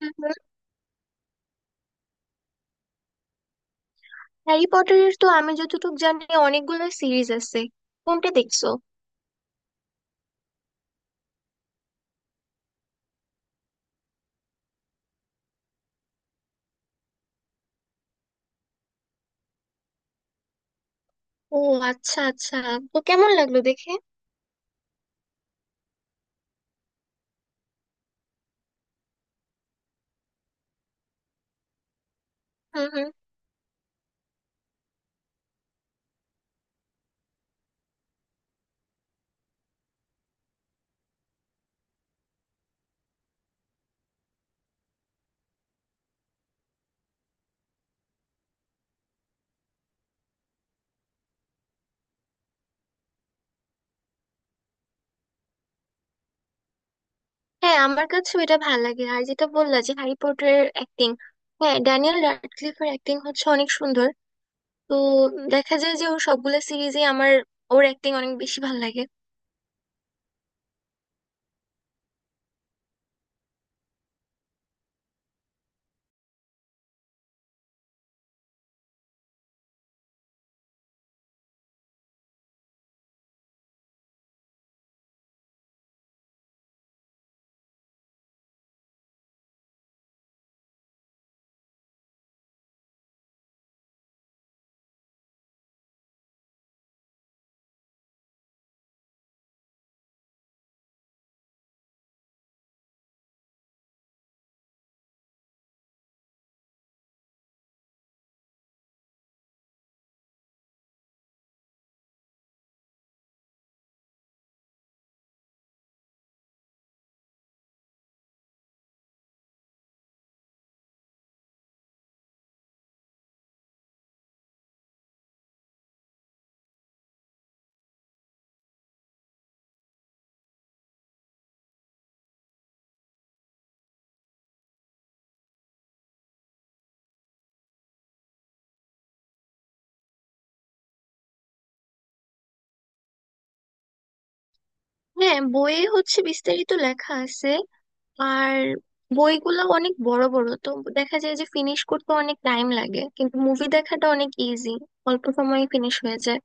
হুম। Harry পটারের তো আমি যতটুকু জানি অনেকগুলো সিরিজ আছে, কোনটা দেখছো? ও, আচ্ছা আচ্ছা। তো কেমন লাগলো দেখে? হুম হুম। হ্যাঁ, আমার কাছেও এটা ভালো লাগে। আর যেটা বললা যে হ্যারি পটারের অ্যাক্টিং, হ্যাঁ, ড্যানিয়েল র্যাডক্লিফের অ্যাক্টিং হচ্ছে অনেক সুন্দর। তো দেখা যায় যে ওর সবগুলো সিরিজে আমার ওর অ্যাক্টিং অনেক বেশি ভালো লাগে। হ্যাঁ, বইয়ে হচ্ছে বিস্তারিত লেখা আছে। আর বইগুলো অনেক বড় বড় তো দেখা যায় যে ফিনিশ করতে অনেক টাইম লাগে, কিন্তু মুভি দেখাটা অনেক ইজি, অল্প সময়ে ফিনিশ হয়ে যায়।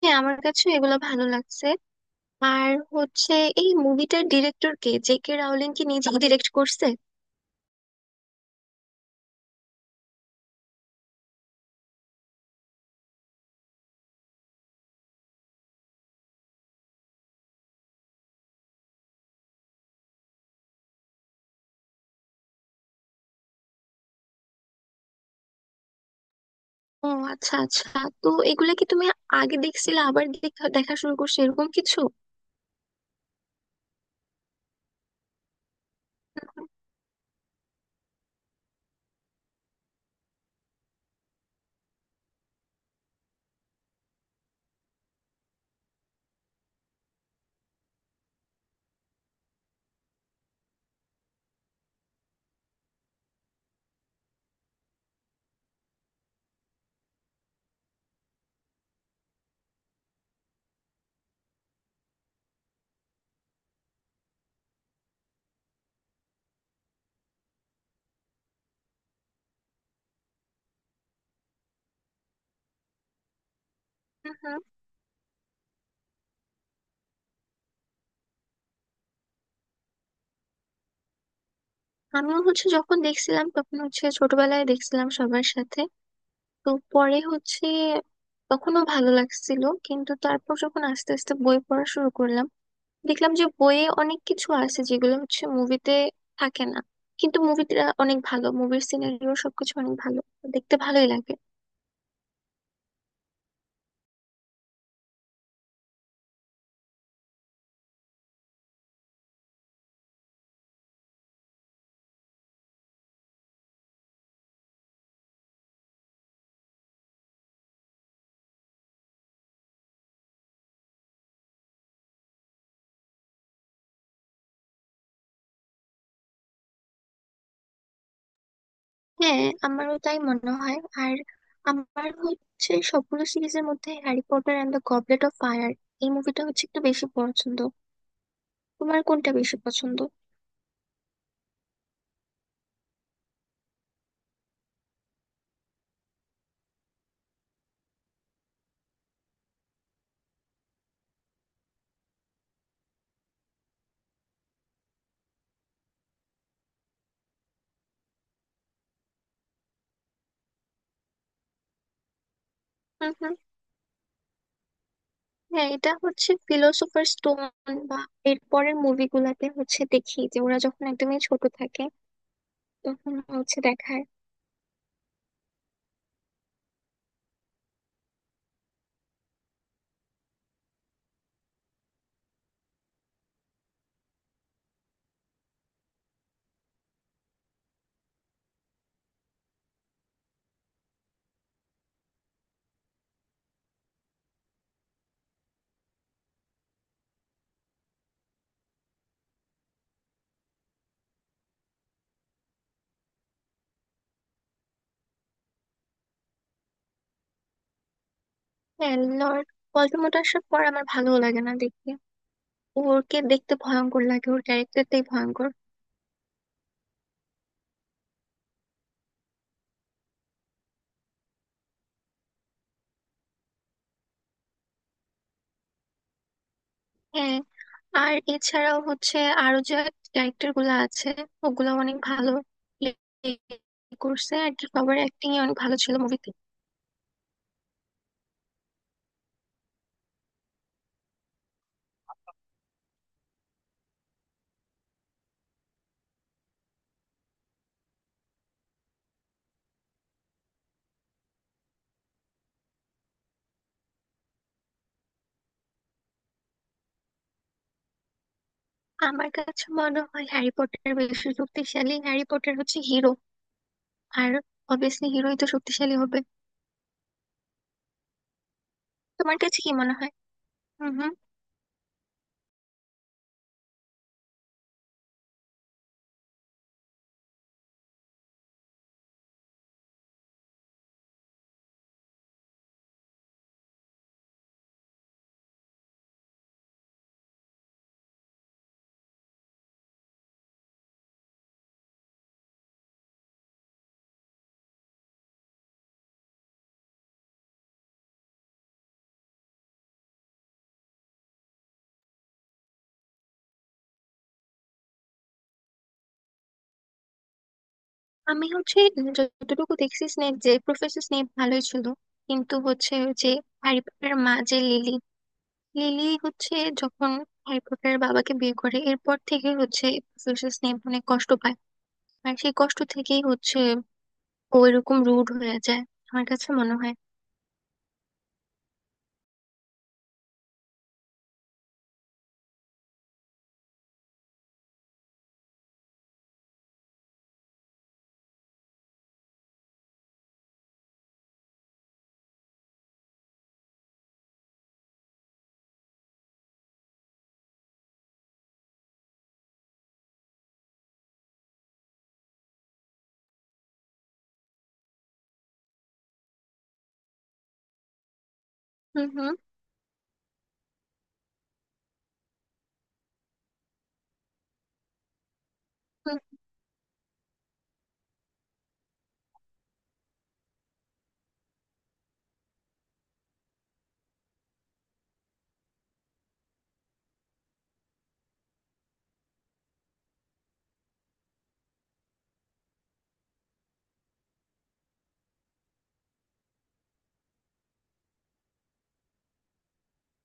হ্যাঁ, আমার কাছে এগুলো ভালো লাগছে। আর হচ্ছে এই মুভিটার ডিরেক্টর কে? জে কে রাউলিং কি নিজে ডিরেক্ট করছে? ও, আচ্ছা আচ্ছা। তো এগুলা কি তুমি আগে দেখছিলে আবার দেখা দেখা শুরু করছো, এরকম কিছু? হুম হুম। আমিও হচ্ছে যখন দেখছিলাম তখন হচ্ছে ছোটবেলায় দেখছিলাম সবার সাথে। তো পরে হচ্ছে তখনও ভালো লাগছিল, কিন্তু তারপর যখন আস্তে আস্তে বই পড়া শুরু করলাম, দেখলাম যে বইয়ে অনেক কিছু আছে যেগুলো হচ্ছে মুভিতে থাকে না। কিন্তু মুভিটা অনেক ভালো, মুভির সিনারিও সবকিছু অনেক ভালো, দেখতে ভালোই লাগে। হ্যাঁ, আমারও তাই মনে হয়। আর আমার হচ্ছে সবগুলো সিরিজের মধ্যে Harry Potter and the Goblet of Fire, এই মুভিটা হচ্ছে একটু বেশি পছন্দ। তোমার কোনটা বেশি পছন্দ? হ্যাঁ, এটা হচ্ছে ফিলোসোফার স্টোন, বা এর পরের মুভিগুলাতে হচ্ছে দেখি যে ওরা যখন একদমই ছোট থাকে তখন হচ্ছে দেখায়। হ্যাঁ, লর্ড ভলডেমর্ট আসার পর আমার ভালো লাগে না দেখতে, ওরকে দেখতে ভয়ঙ্কর লাগে, ওর ক্যারেক্টারটাই ভয়ঙ্কর। হ্যাঁ। আর এছাড়াও হচ্ছে আরো যে ক্যারেক্টার গুলো আছে, ওগুলো অনেক ভালো play করছে আর কি, সবার অ্যাক্টিং অনেক ভালো ছিল মুভিতে। আমার কাছে মনে হয় হ্যারি পটার বেশি শক্তিশালী, হ্যারি পটার হচ্ছে হিরো। আর অবভিয়াসলি হিরোই তো শক্তিশালী হবে। তোমার কাছে কি মনে হয়? হুম হুম। আমি হচ্ছে যতটুকু দেখছি স্নেপ, যে প্রফেসর স্নেপ ভালোই ছিল। কিন্তু হচ্ছে ওই যে হ্যারি পটারের মা যে লিলি, লিলি হচ্ছে যখন হ্যারি পটারের বাবাকে বিয়ে করে এরপর থেকে হচ্ছে প্রফেসর স্নেপ অনেক কষ্ট পায়। আর সেই কষ্ট থেকেই হচ্ছে ও এরকম রুড হয়ে যায়, আমার কাছে মনে হয়। হুম হুম। হুম।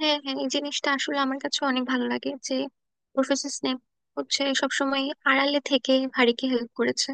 হ্যাঁ হ্যাঁ, এই জিনিসটা আসলে আমার কাছে অনেক ভালো লাগে যে প্রফেসর স্নেপ হচ্ছে সবসময় আড়ালে থেকে হারিকে হেল্প করেছে।